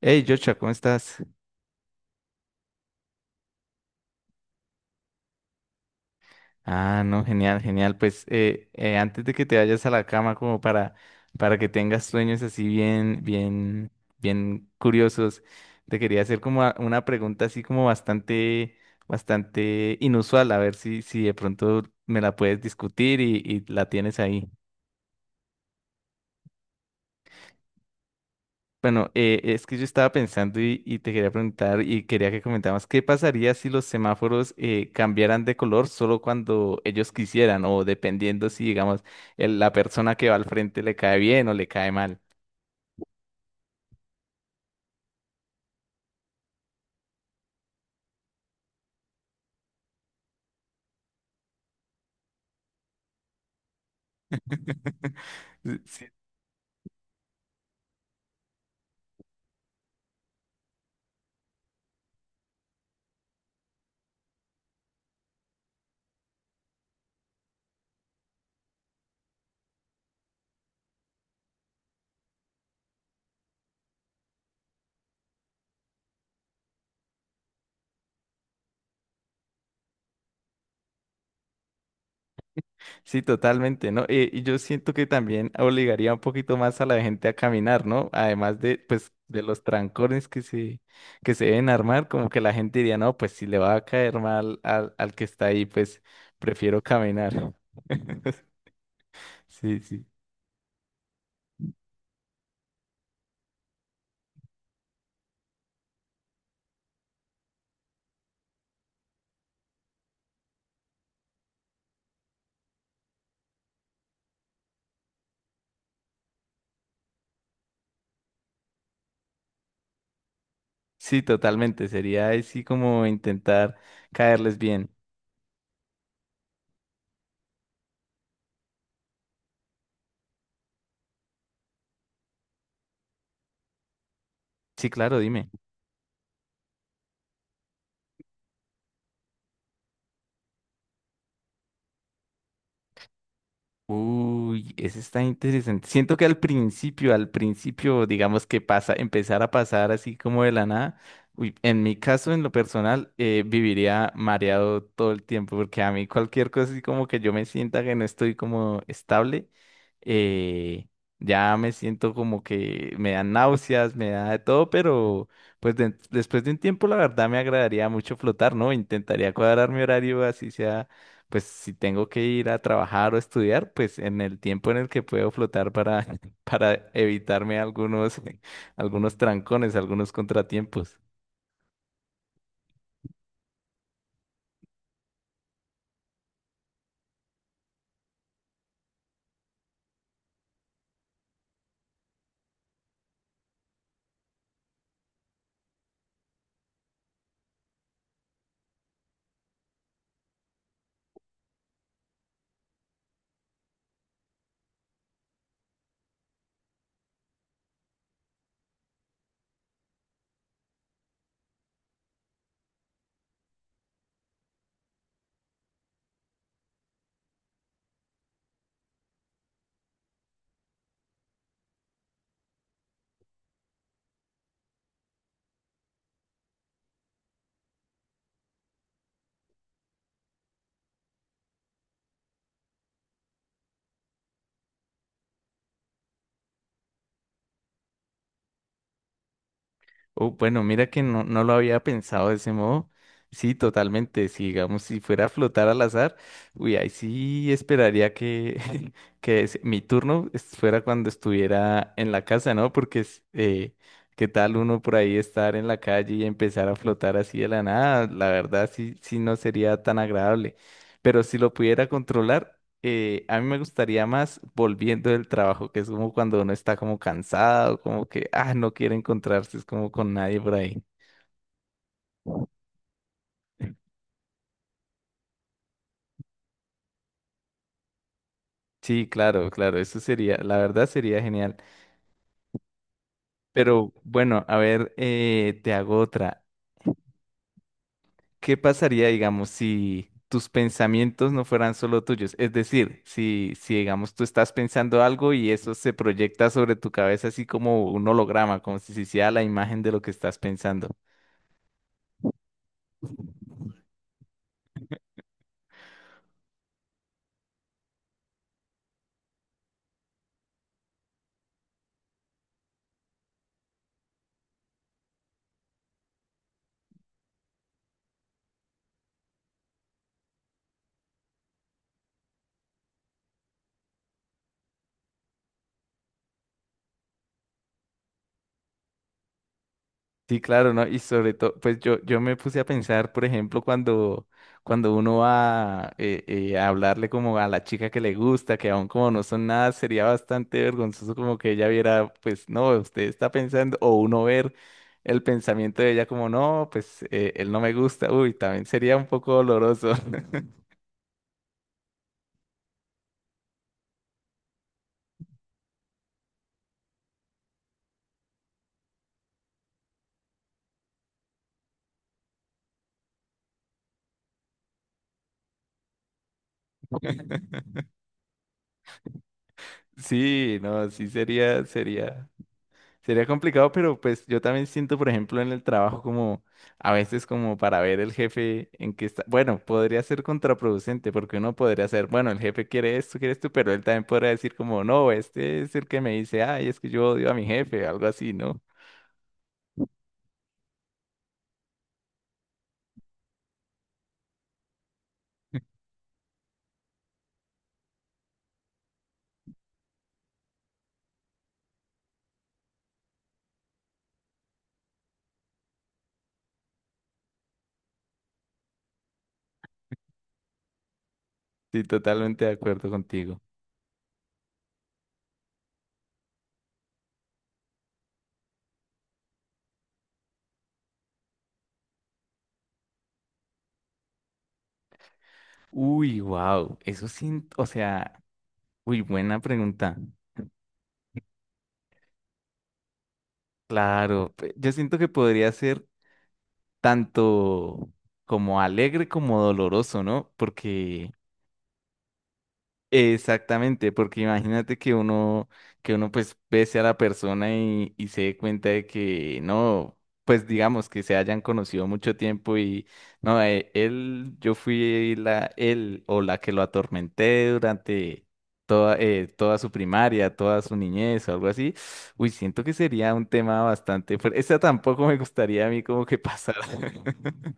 Hey, Joshua, ¿cómo estás? Ah, no, genial, genial. Pues antes de que te vayas a la cama, como para que tengas sueños así bien, bien, bien curiosos, te quería hacer como una pregunta así como bastante, bastante inusual, a ver si, si de pronto me la puedes discutir y la tienes ahí. Bueno, es que yo estaba pensando y te quería preguntar y quería que comentaras, ¿qué pasaría si los semáforos cambiaran de color solo cuando ellos quisieran o dependiendo si, digamos, la persona que va al frente le cae bien o le cae mal? Si. Sí, totalmente, ¿no? Y yo siento que también obligaría un poquito más a la gente a caminar, ¿no? Además de, pues, de los trancones que se deben armar, como que la gente diría, no, pues si le va a caer mal al, al que está ahí, pues prefiero caminar. Sí, sí. Sí, totalmente. Sería así como intentar caerles bien. Sí, claro, dime. Uy, ese está interesante. Siento que al principio, digamos que pasa, empezar a pasar así como de la nada. Uy, en mi caso, en lo personal, viviría mareado todo el tiempo, porque a mí cualquier cosa así como que yo me sienta que no estoy como estable, eh, ya me siento como que me dan náuseas, me da de todo, pero pues después de un tiempo, la verdad me agradaría mucho flotar, ¿no? Intentaría cuadrar mi horario así sea pues si tengo que ir a trabajar o estudiar, pues en el tiempo en el que puedo flotar para, para evitarme algunos, algunos trancones, algunos contratiempos. Oh, bueno, mira que no, no lo había pensado de ese modo. Sí, totalmente. Si digamos, si fuera a flotar al azar, uy, ahí sí esperaría que, mi turno fuera cuando estuviera en la casa, ¿no? Porque es, qué tal uno por ahí estar en la calle y empezar a flotar así de la nada, la verdad sí, sí no sería tan agradable. Pero si lo pudiera controlar, a mí me gustaría más volviendo del trabajo, que es como cuando uno está como cansado, como que, ah, no quiere encontrarse, es como con nadie por ahí. Sí, claro, claro, eso sería, la verdad sería genial. Pero bueno, a ver, te hago otra. ¿Qué pasaría, digamos, si tus pensamientos no fueran solo tuyos? Es decir, si, si, digamos, tú estás pensando algo y eso se proyecta sobre tu cabeza así como un holograma, como si se hiciera la imagen de lo que estás pensando. Sí, claro, ¿no? Y sobre todo, pues yo me puse a pensar, por ejemplo, cuando, cuando uno va a hablarle como a la chica que le gusta, que aún como no son nada, sería bastante vergonzoso como que ella viera, pues no, usted está pensando, o uno ver el pensamiento de ella como, no, pues él no me gusta, uy, también sería un poco doloroso. Sí, no, sí sería, sería. Sería complicado, pero pues yo también siento, por ejemplo, en el trabajo como a veces como para ver el jefe en qué está. Bueno, podría ser contraproducente porque uno podría ser, bueno, el jefe quiere esto, pero él también podría decir como, no, este es el que me dice, ay, es que yo odio a mi jefe, algo así, ¿no? Sí, totalmente de acuerdo contigo. Uy, wow, eso sí, o sea, uy, buena pregunta. Claro, yo siento que podría ser tanto como alegre como doloroso, ¿no? Porque exactamente, porque imagínate que uno pues pese a la persona y se dé cuenta de que no, pues digamos que se hayan conocido mucho tiempo y no, él, yo fui la, él o la que lo atormenté durante toda, toda su primaria, toda su niñez o algo así. Uy, siento que sería un tema bastante fuerte. Esa tampoco me gustaría a mí como que pasara.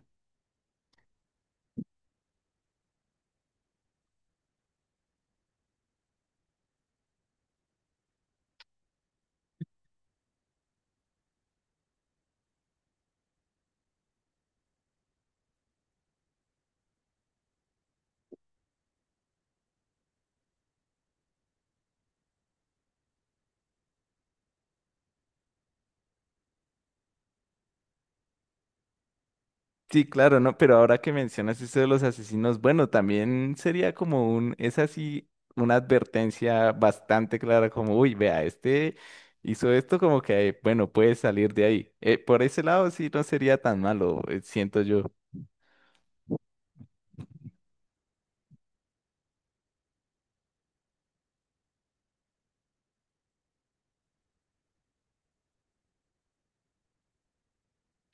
Sí, claro, no, pero ahora que mencionas eso de los asesinos, bueno, también sería como un, es así, una advertencia bastante clara, como, uy, vea, este hizo esto como que, bueno, puede salir de ahí. Por ese lado sí no sería tan malo, siento yo.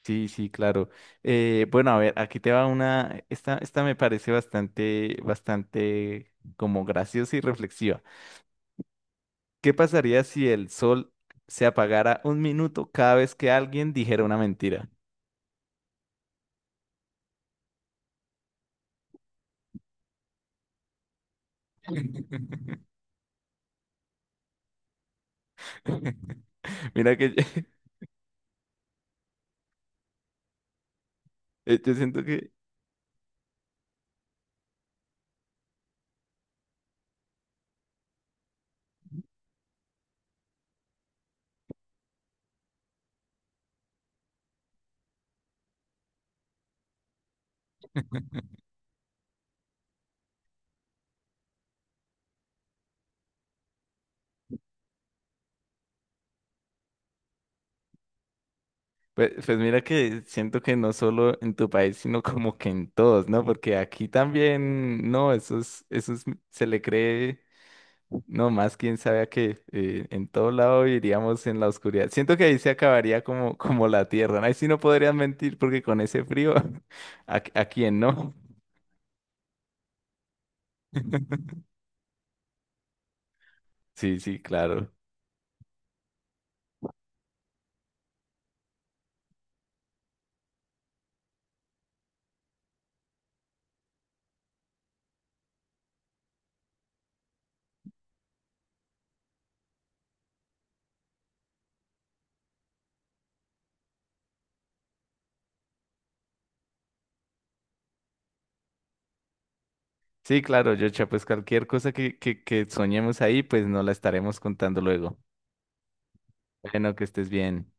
Sí, sí, claro. Bueno, a ver, aquí te va una, esta me parece bastante, bastante como graciosa y reflexiva. ¿Qué pasaría si el sol se apagara un minuto cada vez que alguien dijera una mentira? Mira que yo, yo siento que, pues, pues mira que siento que no solo en tu país, sino como que en todos, ¿no? Porque aquí también, no, eso es, se le cree, no más quién sabe a qué, en todo lado iríamos en la oscuridad. Siento que ahí se acabaría como, como la tierra, ¿no? Ahí sí no podrían mentir porque con ese frío, a quién no? Sí, sí, claro. Sí, claro, Yocha, pues cualquier cosa que soñemos ahí, pues no la estaremos contando luego. Bueno, que estés bien.